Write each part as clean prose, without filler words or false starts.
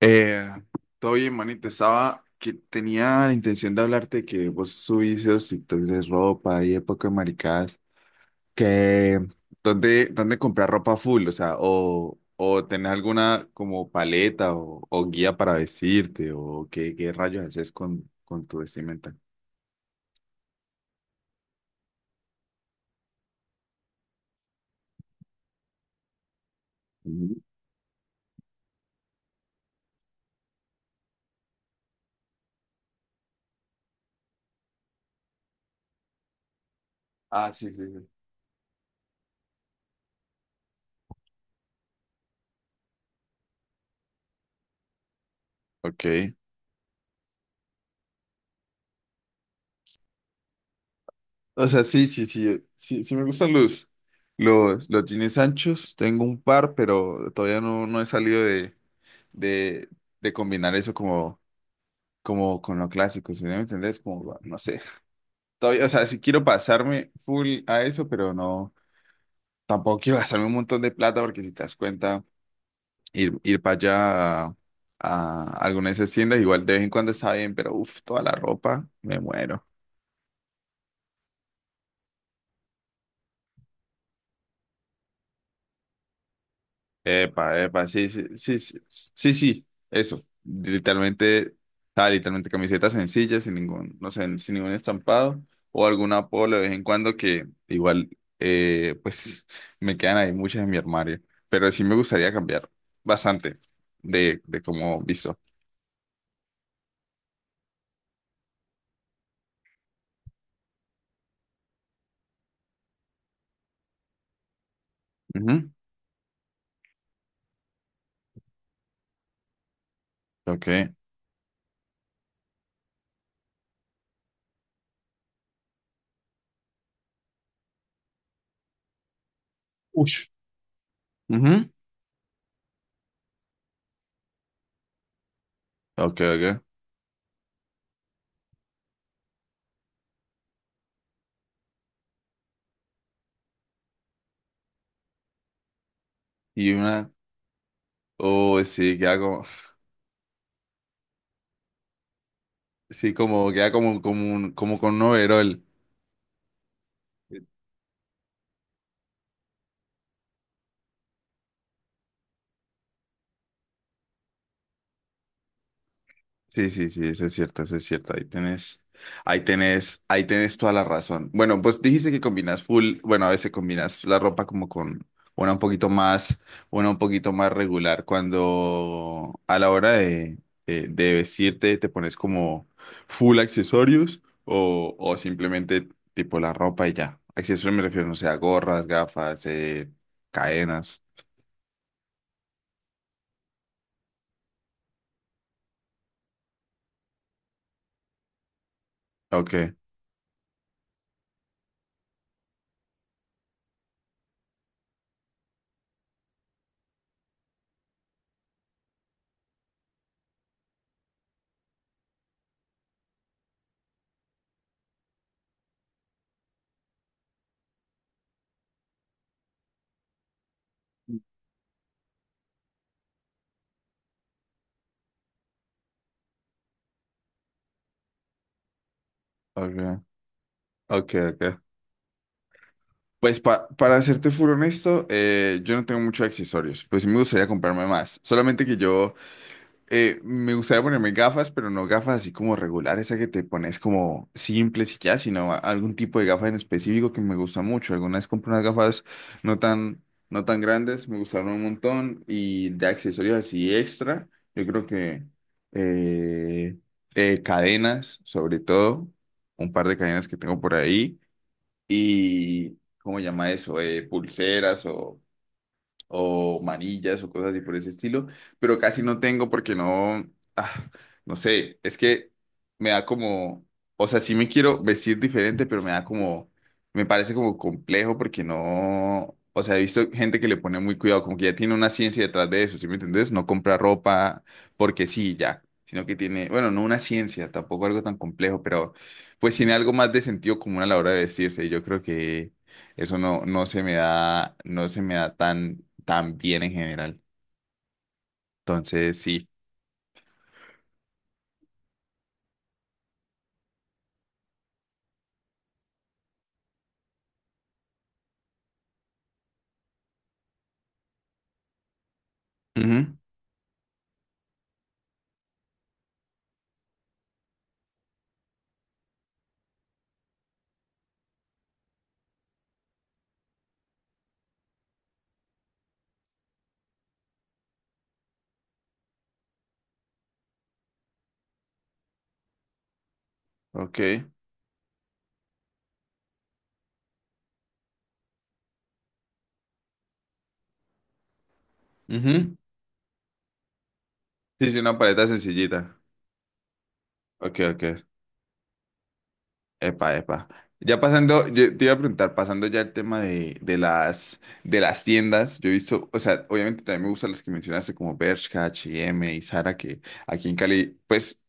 Eh, Todo bien, manito. Estaba que tenía la intención de hablarte que vos subís esos TikToks de ropa y época de maricadas. Que dónde comprar ropa full, o sea, o tenés alguna como paleta o guía para vestirte, o qué rayos haces con tu vestimenta. Ujú. Ah, sí, sí, sí. Ok. O sea, sí, sí, sí, sí, sí me gustan los jeans anchos. Tengo un par, pero todavía no he salido de, de combinar eso como con lo clásico, ¿si me entendés? Como, no sé. Todavía, o sea, si quiero pasarme full a eso, pero no, tampoco quiero gastarme un montón de plata porque si te das cuenta, ir para allá a alguna de esas tiendas, igual de vez en cuando está bien, pero uff, toda la ropa, me muero. Epa, epa, sí, sí, sí, sí, sí, sí, eso. Literalmente, literalmente camisetas sencillas, sin ningún, no sé, sin ningún estampado o algún apodo de vez en cuando que igual, pues me quedan ahí muchas en mi armario. Pero sí me gustaría cambiar bastante de cómo visto. Ujú. Ok. Ush. Ujú. Ok, ok. Y una, oh, sí, queda como, sí, como, queda como, como, como con un overol. Sí, sí, sí, eso es cierto, eso es cierto. Ahí tenés toda la razón. Bueno, pues dijiste que combinas full, bueno, a veces combinas la ropa como con una un poquito más, una un poquito más regular. Cuando a la hora de vestirte te pones como full accesorios o simplemente tipo la ropa y ya. Accesorios me refiero, no sé, a gorras, gafas, cadenas. Ok, ok, ok, ok. Pues para serte full honesto, yo no tengo muchos accesorios, pues sí me gustaría comprarme más. Solamente que yo me gustaría ponerme gafas, pero no gafas así como regulares, esa que te pones como simples y ya, sino algún tipo de gafas en específico que me gusta mucho. Alguna vez compré unas gafas no tan, no tan grandes, me gustaron un montón y de accesorios así extra, yo creo que eh, cadenas, sobre todo, un par de cadenas que tengo por ahí y, ¿cómo se llama eso? Pulseras o manillas o cosas así por ese estilo, pero casi no tengo porque no, ah, no sé, es que me da como, o sea, sí me quiero vestir diferente, pero me da como, me parece como complejo porque no, o sea, he visto gente que le pone muy cuidado, como que ya tiene una ciencia detrás de eso, ¿sí me entendés? No compra ropa porque sí, ya, sino que tiene, bueno, no una ciencia, tampoco algo tan complejo, pero pues tiene algo más de sentido común a la hora de vestirse. Y yo creo que, eso no se me da, tan, tan bien en general. Entonces, sí. Ujú. Ok. Ujú. Sí, sí, una paleta sencillita. Ok, ok. Epa, epa. Ya pasando, yo te iba a preguntar, pasando ya el tema de las tiendas, yo he visto, o sea, obviamente también me gustan las que mencionaste como Bershka, H&M y M y Zara, que aquí en Cali, pues,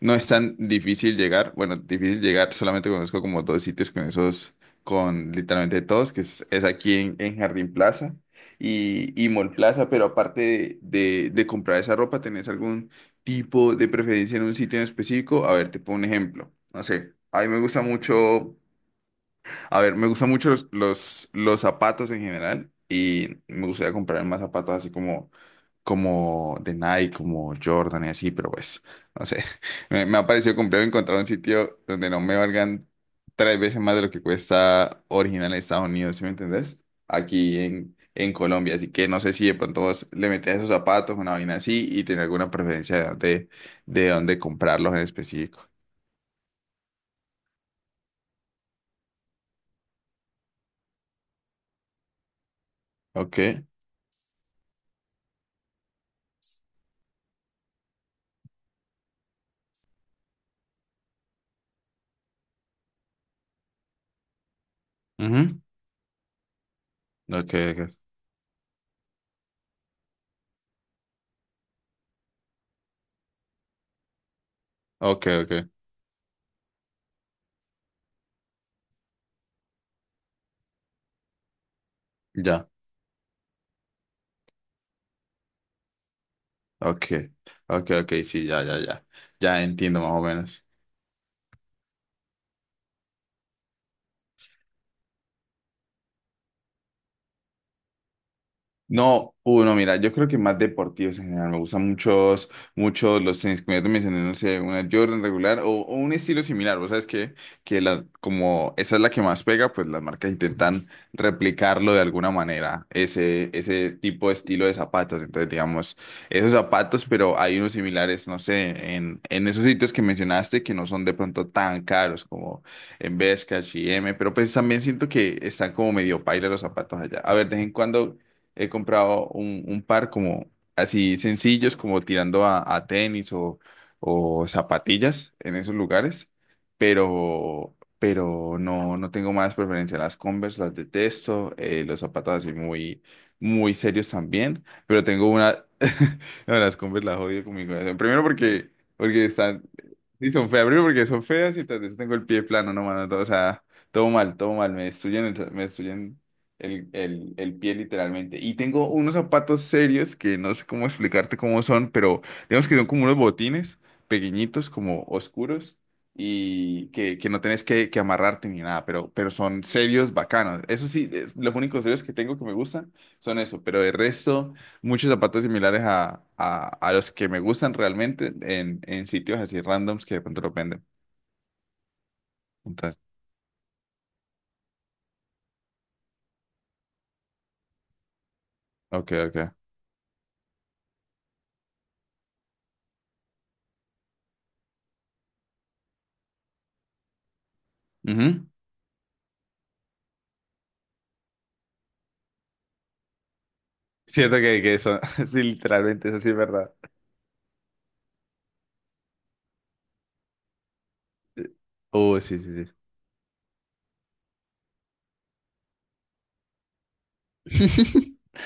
no es tan difícil llegar. Bueno, difícil llegar, solamente conozco como dos sitios con esos, con literalmente todos, que es aquí en Jardín Plaza y Mall Plaza, pero aparte de comprar esa ropa, ¿tenés algún tipo de preferencia en un sitio en específico? A ver, te pongo un ejemplo. No sé, a mí me gusta mucho a ver, me gustan mucho los zapatos en general y me gustaría comprar más zapatos así como de Nike, como Jordan y así, pero pues, no sé. Me ha parecido complejo encontrar un sitio donde no me valgan tres veces más de lo que cuesta original en Estados Unidos, ¿sí me entendés? Aquí en Colombia, así que no sé si de pronto vos le metés a esos zapatos, una vaina así y tenés alguna preferencia de dónde comprarlos en específico. Ok. Ujú. Ok, ok, ok, ok. Ya. Ok, ok, ok, sí, ya, ya, ya. Ya entiendo más o menos. No, uno, mira, yo creo que más deportivos en general. Me gustan muchos los tenis, como ya te mencioné, no sé, una Jordan regular o un estilo similar. Vos sabes que la, como esa es la que más pega, pues las marcas intentan replicarlo de alguna manera, ese tipo de estilo de zapatos. Entonces, digamos, esos zapatos, pero hay unos similares, no sé, en esos sitios que mencionaste que no son de pronto tan caros como en Bershka, H&M, pero pues también siento que están como medio paila los zapatos allá. A ver, de vez en cuando he comprado un par como así sencillos, como tirando a tenis o zapatillas en esos lugares, pero no tengo más preferencia. Las Converse las detesto, los zapatos así muy, muy serios también, pero tengo una... No, las Converse las odio con mi corazón. Primero porque están... Sí, son feas. Primero porque son feas y tras de eso tengo el pie plano, no, mano. O sea, todo mal, todo mal. Me destruyen, el pie literalmente. Y tengo unos zapatos serios que no sé cómo explicarte cómo son, pero digamos que son como unos botines pequeñitos, como oscuros, y que no tenés que amarrarte ni nada, pero son serios bacanos. Eso sí, los únicos serios que tengo que me gustan son eso, pero el resto, muchos zapatos similares a los que me gustan realmente en sitios así randoms que de pronto los venden. Entonces, ok, ok. Ujú. Siento que eso, sí, literalmente, eso sí es verdad. Oh, sí, sí, sí.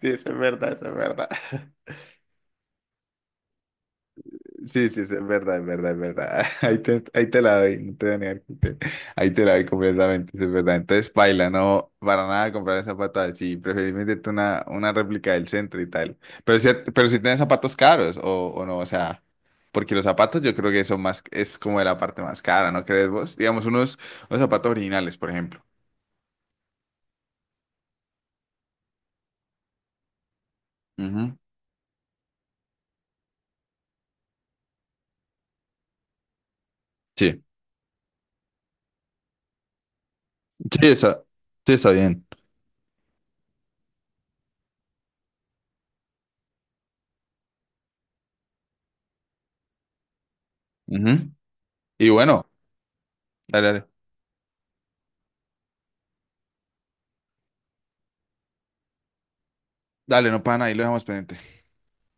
Sí, eso es verdad, eso es verdad. Sí, sí, sí, es verdad, es verdad, es verdad. Ahí te la doy, no te voy a negar ahí te la doy completamente, sí, es verdad. Entonces, paila, no, para nada comprar zapatos sí, preferiblemente tú una réplica del centro y tal. Pero si tienes zapatos caros o no, o sea, porque los zapatos yo creo que son más, es como de la parte más cara, ¿no crees vos? Digamos, unos zapatos originales, por ejemplo. Ujú. Sí, sí, está, sí, está bien. Y bueno, dale, dale. Dale, no pana, ahí lo dejamos pendiente.